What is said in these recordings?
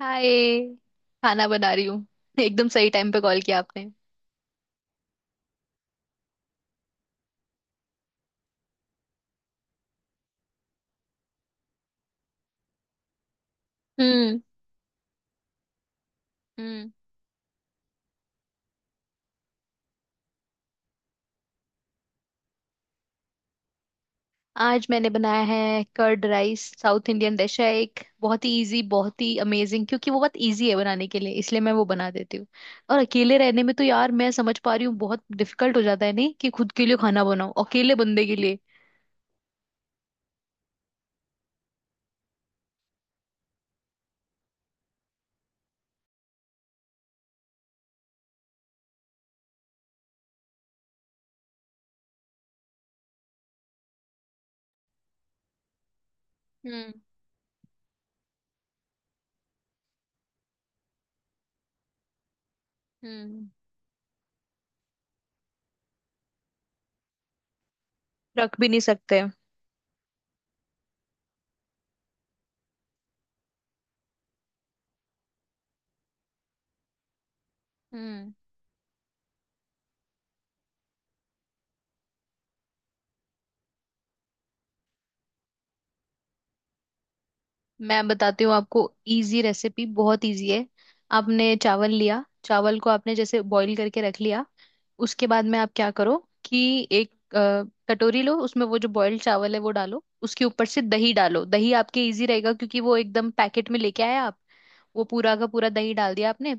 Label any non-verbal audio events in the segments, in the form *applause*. हाय। खाना बना रही हूँ *laughs* एकदम सही टाइम पे कॉल किया आपने। हम्म। हम्म। आज मैंने बनाया है curd rice. South Indian dish है, एक बहुत ही इजी, बहुत ही अमेजिंग, क्योंकि वो बहुत इजी है बनाने के लिए, इसलिए मैं वो बना देती हूँ। और अकेले रहने में तो यार मैं समझ पा रही हूँ, बहुत डिफिकल्ट हो जाता है नहीं, कि खुद के लिए खाना बनाओ अकेले बंदे के लिए। हम्म। हम्म। रख भी नहीं सकते। हम्म। मैं बताती हूँ आपको इजी रेसिपी, बहुत इजी है। आपने चावल लिया, चावल को आपने जैसे बॉईल करके रख लिया। उसके बाद में आप क्या करो, कि एक अ, कटोरी लो, उसमें वो जो बॉइल्ड चावल है वो डालो, उसके ऊपर से दही डालो। दही आपके इजी रहेगा, क्योंकि वो एकदम पैकेट में लेके आए आप। वो पूरा का पूरा दही डाल दिया आपने।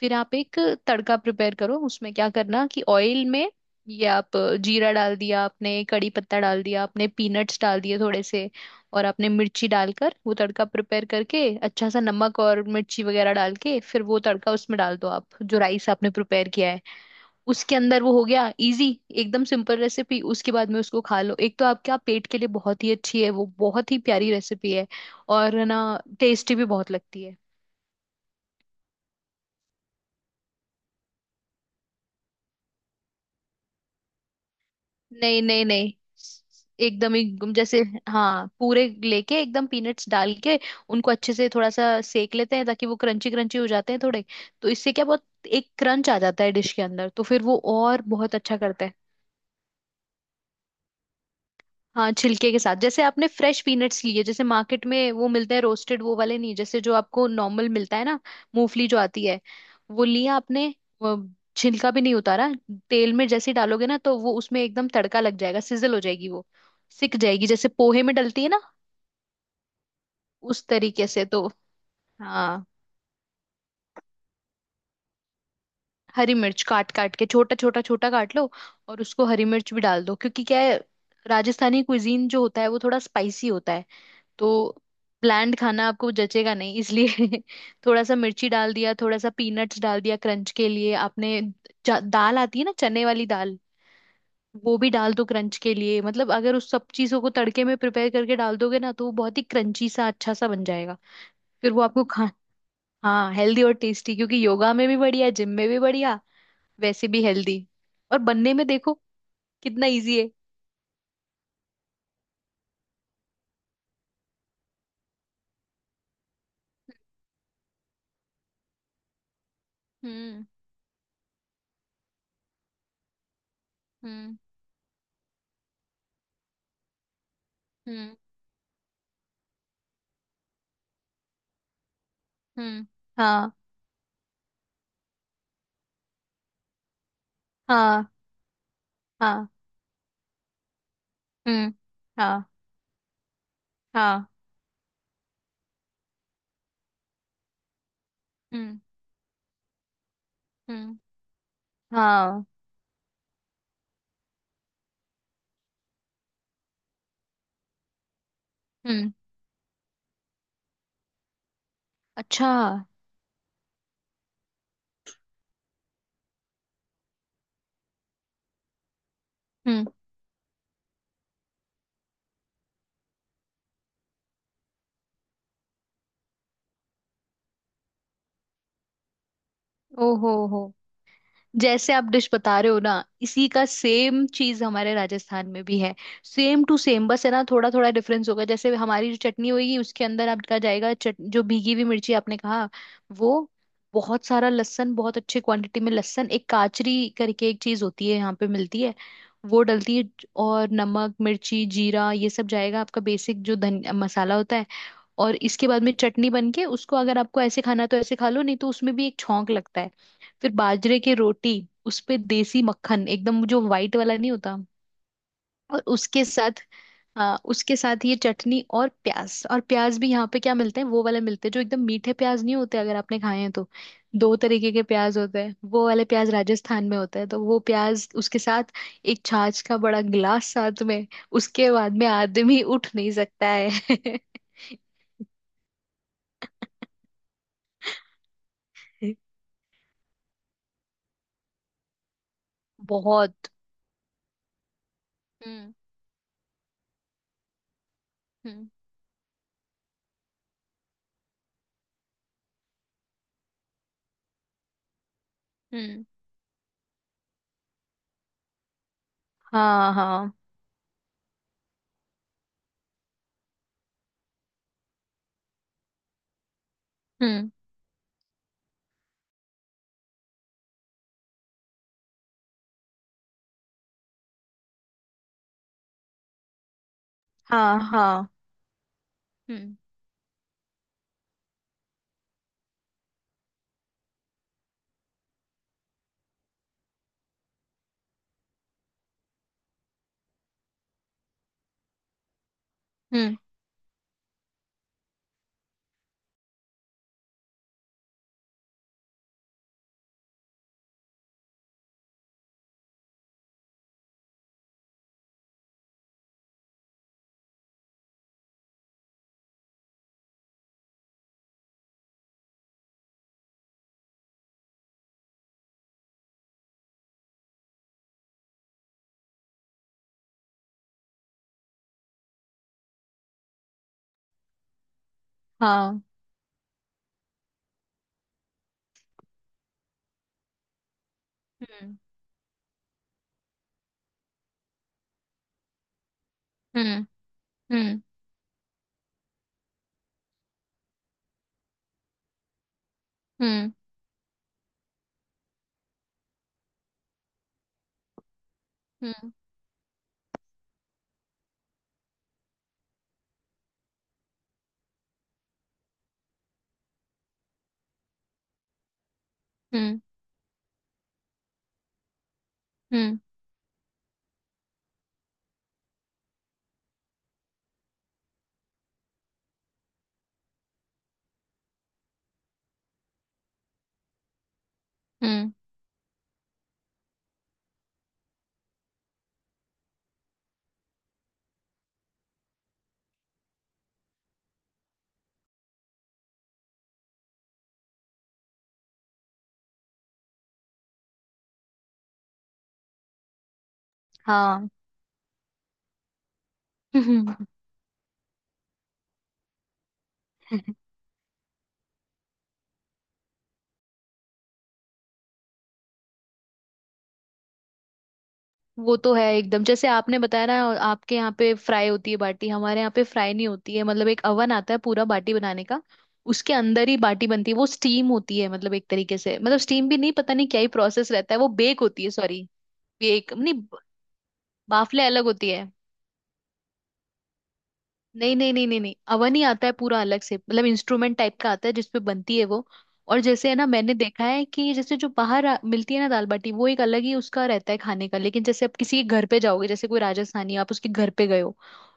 फिर आप एक तड़का प्रिपेयर करो, उसमें क्या करना कि ऑयल में ये आप जीरा डाल दिया आपने, कड़ी पत्ता डाल दिया आपने, पीनट्स डाल दिए थोड़े से। और आपने मिर्ची डालकर वो तड़का प्रिपेयर करके, अच्छा सा नमक और मिर्ची वगैरह डाल के, फिर वो तड़का उसमें डाल दो, आप जो राइस आपने प्रिपेयर किया है उसके अंदर। वो हो गया इजी, एकदम सिंपल रेसिपी। उसके बाद में उसको खा लो। एक तो आपका पेट के लिए बहुत ही अच्छी है वो, बहुत ही प्यारी रेसिपी है। और ना, टेस्टी भी बहुत लगती है। नहीं नहीं नहीं, एकदम ही जैसे। हाँ, पूरे लेके एकदम पीनट्स डाल के उनको अच्छे से थोड़ा सा सेक लेते हैं, ताकि वो क्रंची क्रंची हो जाते हैं थोड़े। तो इससे क्या, बहुत एक क्रंच आ जाता है डिश के अंदर, तो फिर वो और बहुत अच्छा करता है। हाँ, छिलके के साथ। जैसे आपने फ्रेश पीनट्स लिए, जैसे मार्केट में वो मिलते हैं रोस्टेड, वो वाले नहीं, जैसे जो आपको नॉर्मल मिलता है ना, मूंगफली जो आती है, वो लिया आपने। वो छिलका भी नहीं उतारा। तेल में जैसे ही डालोगे ना तो वो उसमें एकदम तड़का लग जाएगा, सिजल हो जाएगी वो, सिक जाएगी, जैसे पोहे में डलती है ना, उस तरीके से तो। हाँ, हरी मिर्च काट काट के छोटा छोटा छोटा काट लो, और उसको हरी मिर्च भी डाल दो, क्योंकि क्या है, राजस्थानी कुजीन जो होता है वो थोड़ा स्पाइसी होता है। तो ब्land खाना आपको जचेगा नहीं, इसलिए *laughs* थोड़ा सा मिर्ची डाल दिया, थोड़ा सा पीनट्स डाल दिया क्रंच के लिए आपने। दाल आती है ना चने वाली दाल, वो भी डाल दो क्रंच के लिए। मतलब अगर उस सब चीजों को तड़के में प्रिपेयर करके डाल दोगे ना, तो वो बहुत ही क्रंची सा अच्छा सा बन जाएगा। फिर वो आपको खा। हाँ, हेल्दी और टेस्टी, क्योंकि योगा में भी बढ़िया, जिम में भी बढ़िया, वैसे भी हेल्दी। और बनने में देखो कितना इजी है। हम्म। हम्म। हम्म। हम्म। हाँ। हाँ। हाँ। हम्म। हाँ। हाँ। हम्म। हम्म। हाँ। हम्म। अच्छा। हम्म। ओहो हो। जैसे आप डिश बता रहे हो ना, इसी का सेम चीज हमारे राजस्थान में भी है, सेम टू सेम। बस है ना, थोड़ा थोड़ा डिफरेंस होगा। जैसे हमारी जो चटनी होगी, उसके अंदर आपका जाएगा जो भीगी हुई मिर्ची आपने कहा वो, बहुत सारा लहसुन, बहुत अच्छे क्वांटिटी में लहसुन, एक काचरी करके एक चीज होती है यहाँ पे मिलती है, वो डलती है। और नमक, मिर्ची, जीरा, ये सब जाएगा आपका बेसिक जो धन मसाला होता है। और इसके बाद में चटनी बन के उसको अगर आपको ऐसे खाना तो ऐसे खा लो, नहीं तो उसमें भी एक छौंक लगता है। फिर बाजरे की रोटी, उस पे देसी मक्खन, एकदम जो वाइट वाला नहीं होता। और उसके साथ ये चटनी और प्याज। और प्याज भी यहाँ पे क्या मिलते हैं, वो वाले मिलते हैं जो एकदम मीठे प्याज नहीं होते, अगर आपने खाए हैं तो। दो तरीके के प्याज होते हैं, वो वाले प्याज राजस्थान में होते हैं। तो वो प्याज उसके साथ, एक छाछ का बड़ा गिलास साथ में। उसके बाद में आदमी उठ नहीं सकता है। *laughs* बहुत। हम्म। हम्म। हम्म। हाँ। हाँ। हम्म। हाँ। हाँ। हम्म। हम्म। हाँ। हम्म। हम्म। हम्म। हम्म। हम्म। हम्म। हम्म। हम्म। हाँ। *laughs* वो तो है एकदम, जैसे आपने बताया ना, आपके यहाँ पे फ्राई होती है बाटी, हमारे यहाँ पे फ्राई नहीं होती है। मतलब एक अवन आता है पूरा बाटी बनाने का, उसके अंदर ही बाटी बनती है। वो स्टीम होती है मतलब एक तरीके से, मतलब स्टीम भी नहीं, पता नहीं क्या ही प्रोसेस रहता है, वो बेक होती है, सॉरी, बेक नहीं, बाफले अलग होती है। नहीं नहीं नहीं नहीं नहीं, अवन ही आता है पूरा अलग से, मतलब इंस्ट्रूमेंट टाइप का आता है जिसपे बनती है वो। और जैसे है ना, मैंने देखा है कि जैसे जो बाहर मिलती है ना दाल बाटी, वो एक अलग ही उसका रहता है खाने का, लेकिन जैसे आप किसी के घर पे जाओगे, जैसे कोई राजस्थानी आप उसके घर पे गए हो,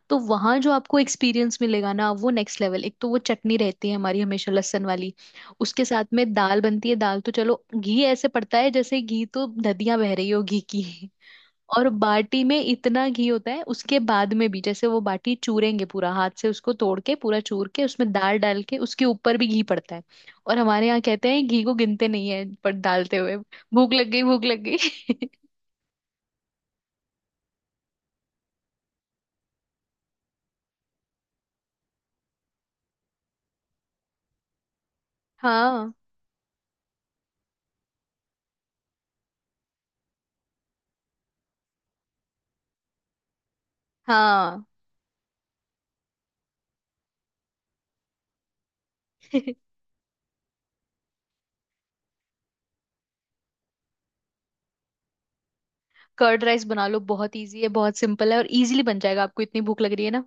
तो वहां जो आपको एक्सपीरियंस मिलेगा ना, वो नेक्स्ट लेवल। एक तो वो चटनी रहती है हमारी हमेशा लहसुन वाली, उसके साथ में दाल बनती है दाल, तो चलो घी ऐसे पड़ता है, जैसे घी तो नदियां बह रही हो घी की। और बाटी में इतना घी होता है, उसके बाद में भी जैसे वो बाटी चूरेंगे पूरा हाथ से, उसको तोड़ के पूरा चूर के उसमें दाल डाल के, उसके ऊपर भी घी पड़ता है। और हमारे यहाँ कहते हैं घी को गिनते नहीं है पर डालते हुए। भूख लग गई, भूख लग गई। *laughs* हाँ हाँ। *laughs* कर्ड राइस बना लो, बहुत इजी है, बहुत सिंपल है, और इजीली बन जाएगा। आपको इतनी भूख लग रही है ना।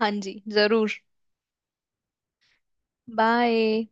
हाँ जी जरूर। बाय।